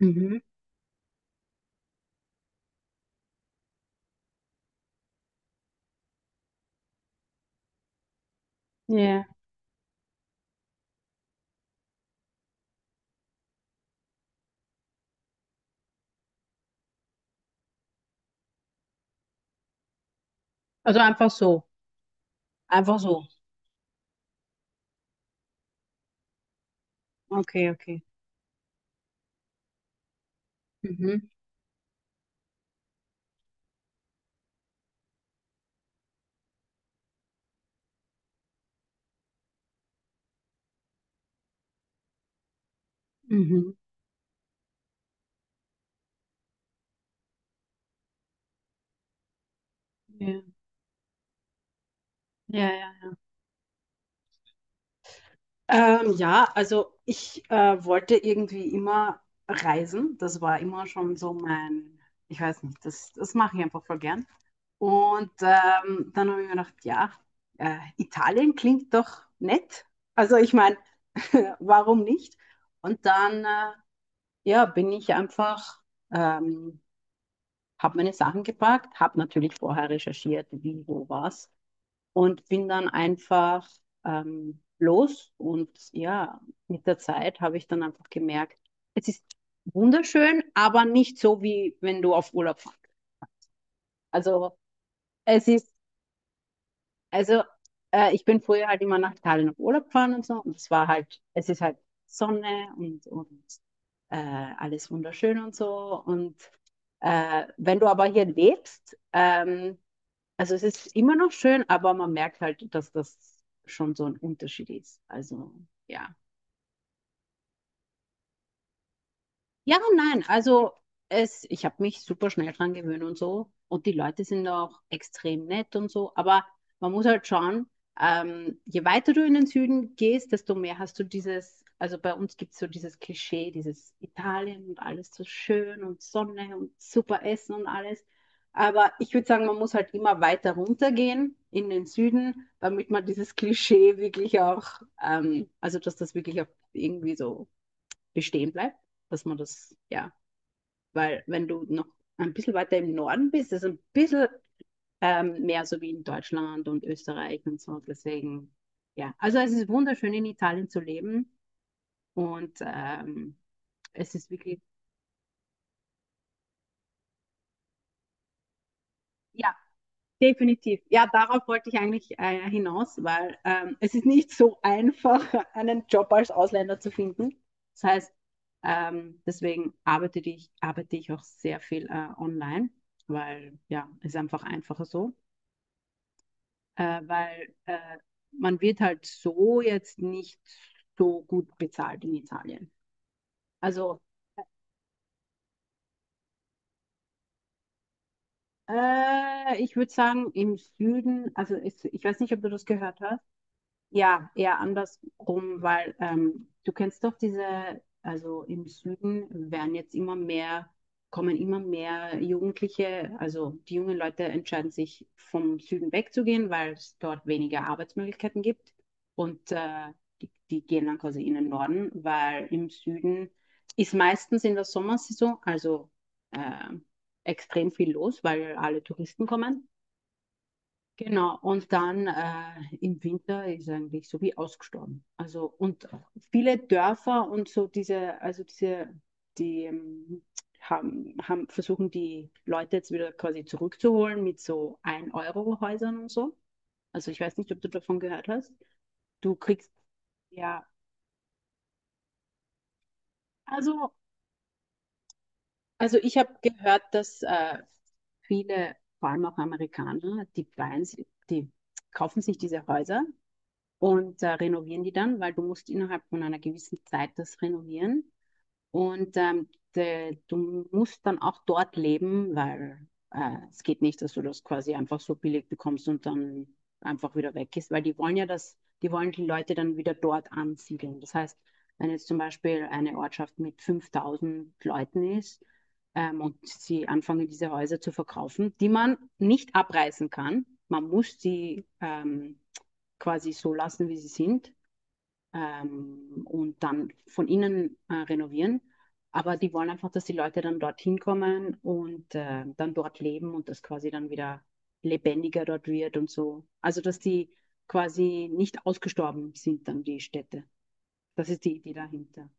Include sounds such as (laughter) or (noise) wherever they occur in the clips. Mhm. Ja. Also einfach so. Einfach so. Okay, okay. Mhm. Mhm. Ja, ja, ja. Ja, also ich wollte irgendwie immer reisen. Das war immer schon so mein, ich weiß nicht, das mache ich einfach voll gern. Und dann habe ich mir gedacht, ja, Italien klingt doch nett. Also ich meine, (laughs) warum nicht? Und dann ja, bin ich einfach ähm, habe meine Sachen gepackt, habe natürlich vorher recherchiert, wie, wo, was und bin dann einfach los. Und ja, mit der Zeit habe ich dann einfach gemerkt, es ist wunderschön, aber nicht so, wie wenn du auf Urlaub fährst. Also es ist, also ich bin früher halt immer nach Italien auf Urlaub gefahren und so und es war halt, es ist halt Sonne und äh, alles wunderschön und so und wenn du aber hier lebst, also es ist immer noch schön, aber man merkt halt, dass das schon so ein Unterschied ist. Also ja. Ja, und nein, also es, ich habe mich super schnell dran gewöhnt und so. Und die Leute sind auch extrem nett und so. Aber man muss halt schauen, je weiter du in den Süden gehst, desto mehr hast du dieses, also bei uns gibt es so dieses Klischee, dieses Italien und alles so schön und Sonne und super Essen und alles. Aber ich würde sagen, man muss halt immer weiter runtergehen in den Süden, damit man dieses Klischee wirklich auch, also dass das wirklich auch irgendwie so bestehen bleibt, dass man das, ja, weil wenn du noch ein bisschen weiter im Norden bist, ist es ein bisschen mehr so wie in Deutschland und Österreich und so. Deswegen, ja, also es ist wunderschön in Italien zu leben und es ist wirklich, ja, definitiv. Ja, darauf wollte ich eigentlich hinaus, weil es ist nicht so einfach, (laughs) einen Job als Ausländer zu finden. Das heißt, deswegen arbeite ich auch sehr viel online, weil ja, ist einfach einfacher so, weil man wird halt so jetzt nicht so gut bezahlt in Italien. Also ich würde sagen, im Süden, also ich weiß nicht, ob du das gehört hast. Ja, eher andersrum, weil du kennst doch diese, also im Süden werden jetzt immer mehr, kommen immer mehr Jugendliche, also die jungen Leute entscheiden sich vom Süden wegzugehen, weil es dort weniger Arbeitsmöglichkeiten gibt und die, die gehen dann quasi in den Norden, weil im Süden ist meistens in der Sommersaison, also äh, extrem viel los, weil alle Touristen kommen. Genau, und dann im Winter ist eigentlich so wie ausgestorben. Also, und viele Dörfer und so diese, also diese, die haben versuchen die Leute jetzt wieder quasi zurückzuholen mit so ein euro häusern und so. Also ich weiß nicht, ob du davon gehört hast. Du kriegst ja, also, also ich habe gehört, dass viele, vor allem auch Amerikaner, die kaufen sich diese Häuser und renovieren die dann, weil du musst innerhalb von einer gewissen Zeit das renovieren. Und du musst dann auch dort leben, weil es geht nicht, dass du das quasi einfach so billig bekommst und dann einfach wieder weg ist, weil die wollen ja das, die wollen die Leute dann wieder dort ansiedeln. Das heißt, wenn jetzt zum Beispiel eine Ortschaft mit 5.000 Leuten ist und sie anfangen, diese Häuser zu verkaufen, die man nicht abreißen kann, man muss sie quasi so lassen, wie sie sind, und dann von innen renovieren. Aber die wollen einfach, dass die Leute dann dorthin kommen und dann dort leben und das quasi dann wieder lebendiger dort wird und so. Also, dass die quasi nicht ausgestorben sind, dann die Städte. Das ist die Idee dahinter.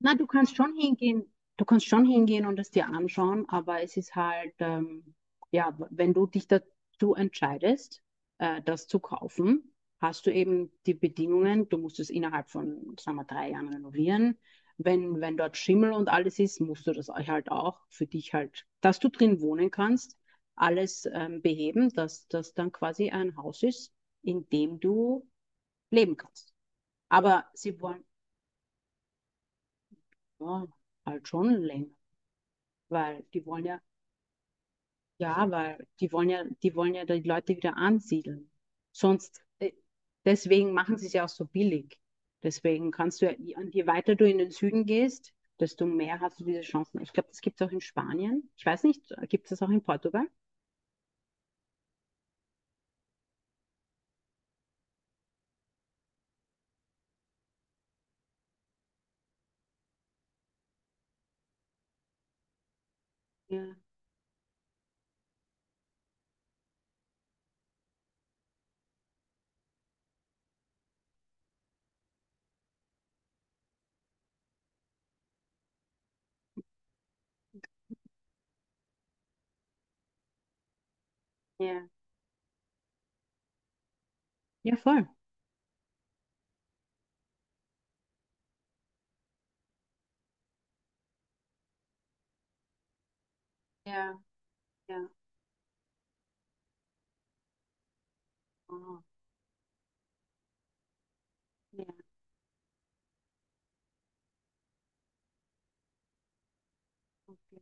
Na, du kannst schon hingehen, und es dir anschauen, aber es ist halt, ja, wenn du dich dazu entscheidest, das zu kaufen, hast du eben die Bedingungen, du musst es innerhalb von, sagen wir, 3 Jahren renovieren. Wenn dort Schimmel und alles ist, musst du das halt auch für dich halt, dass du drin wohnen kannst, alles beheben, dass das dann quasi ein Haus ist, in dem du leben kannst. Aber sie wollen, ja, halt schon länger, weil die wollen ja, ja, weil die wollen ja, die wollen ja die Leute wieder ansiedeln. Sonst, deswegen machen sie es ja auch so billig. Deswegen kannst du ja, je weiter du in den Süden gehst, desto mehr hast du diese Chancen. Ich glaube, das gibt es auch in Spanien. Ich weiß nicht, gibt es das auch in Portugal? Ja, ja, ja, voll, ja, ja. Wow. Ja, okay.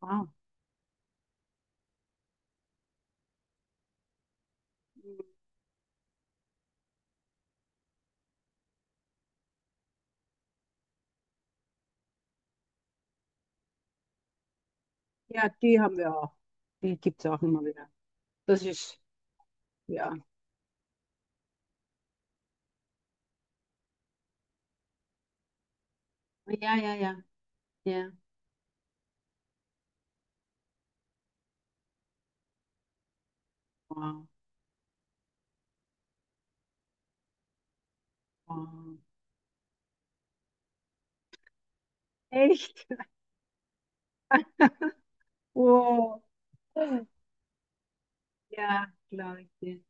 Wow. Mhm. Ja, die haben wir auch. Die gibt es auch immer wieder. Das ist, ja, ja, ja, ja, ja. Wow, wow. Echt? Oh, ja, glaube ich dir.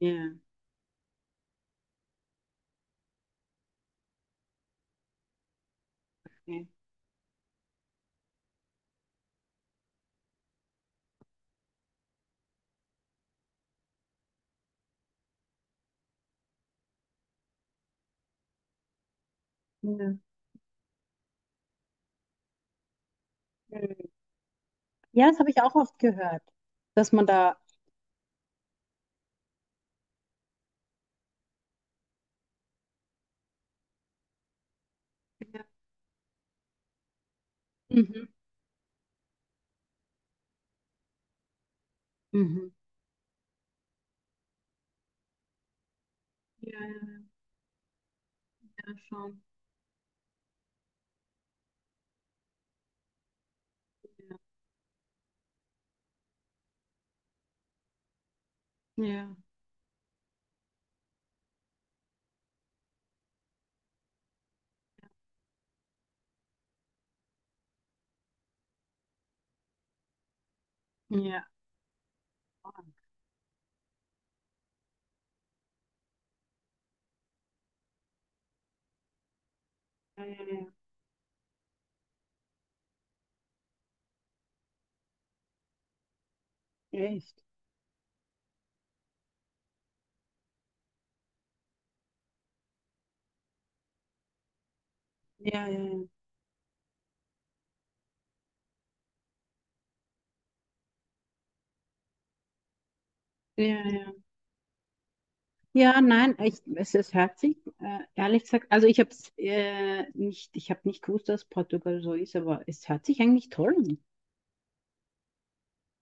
Ja, okay. Ja, hm. Ja, das habe ich auch oft gehört, dass man da. Ja, mhm. Mhm. Ja, ja, ja, schon. Ja, ja, ja. Oh, ja, ja, ja. Echt. Ja, ja, ja, ja, ja. Ja, nein, ich, es ist herzig, ehrlich gesagt. Also ich habe es nicht, ich habe nicht gewusst, dass Portugal so ist, aber es hört sich eigentlich toll an.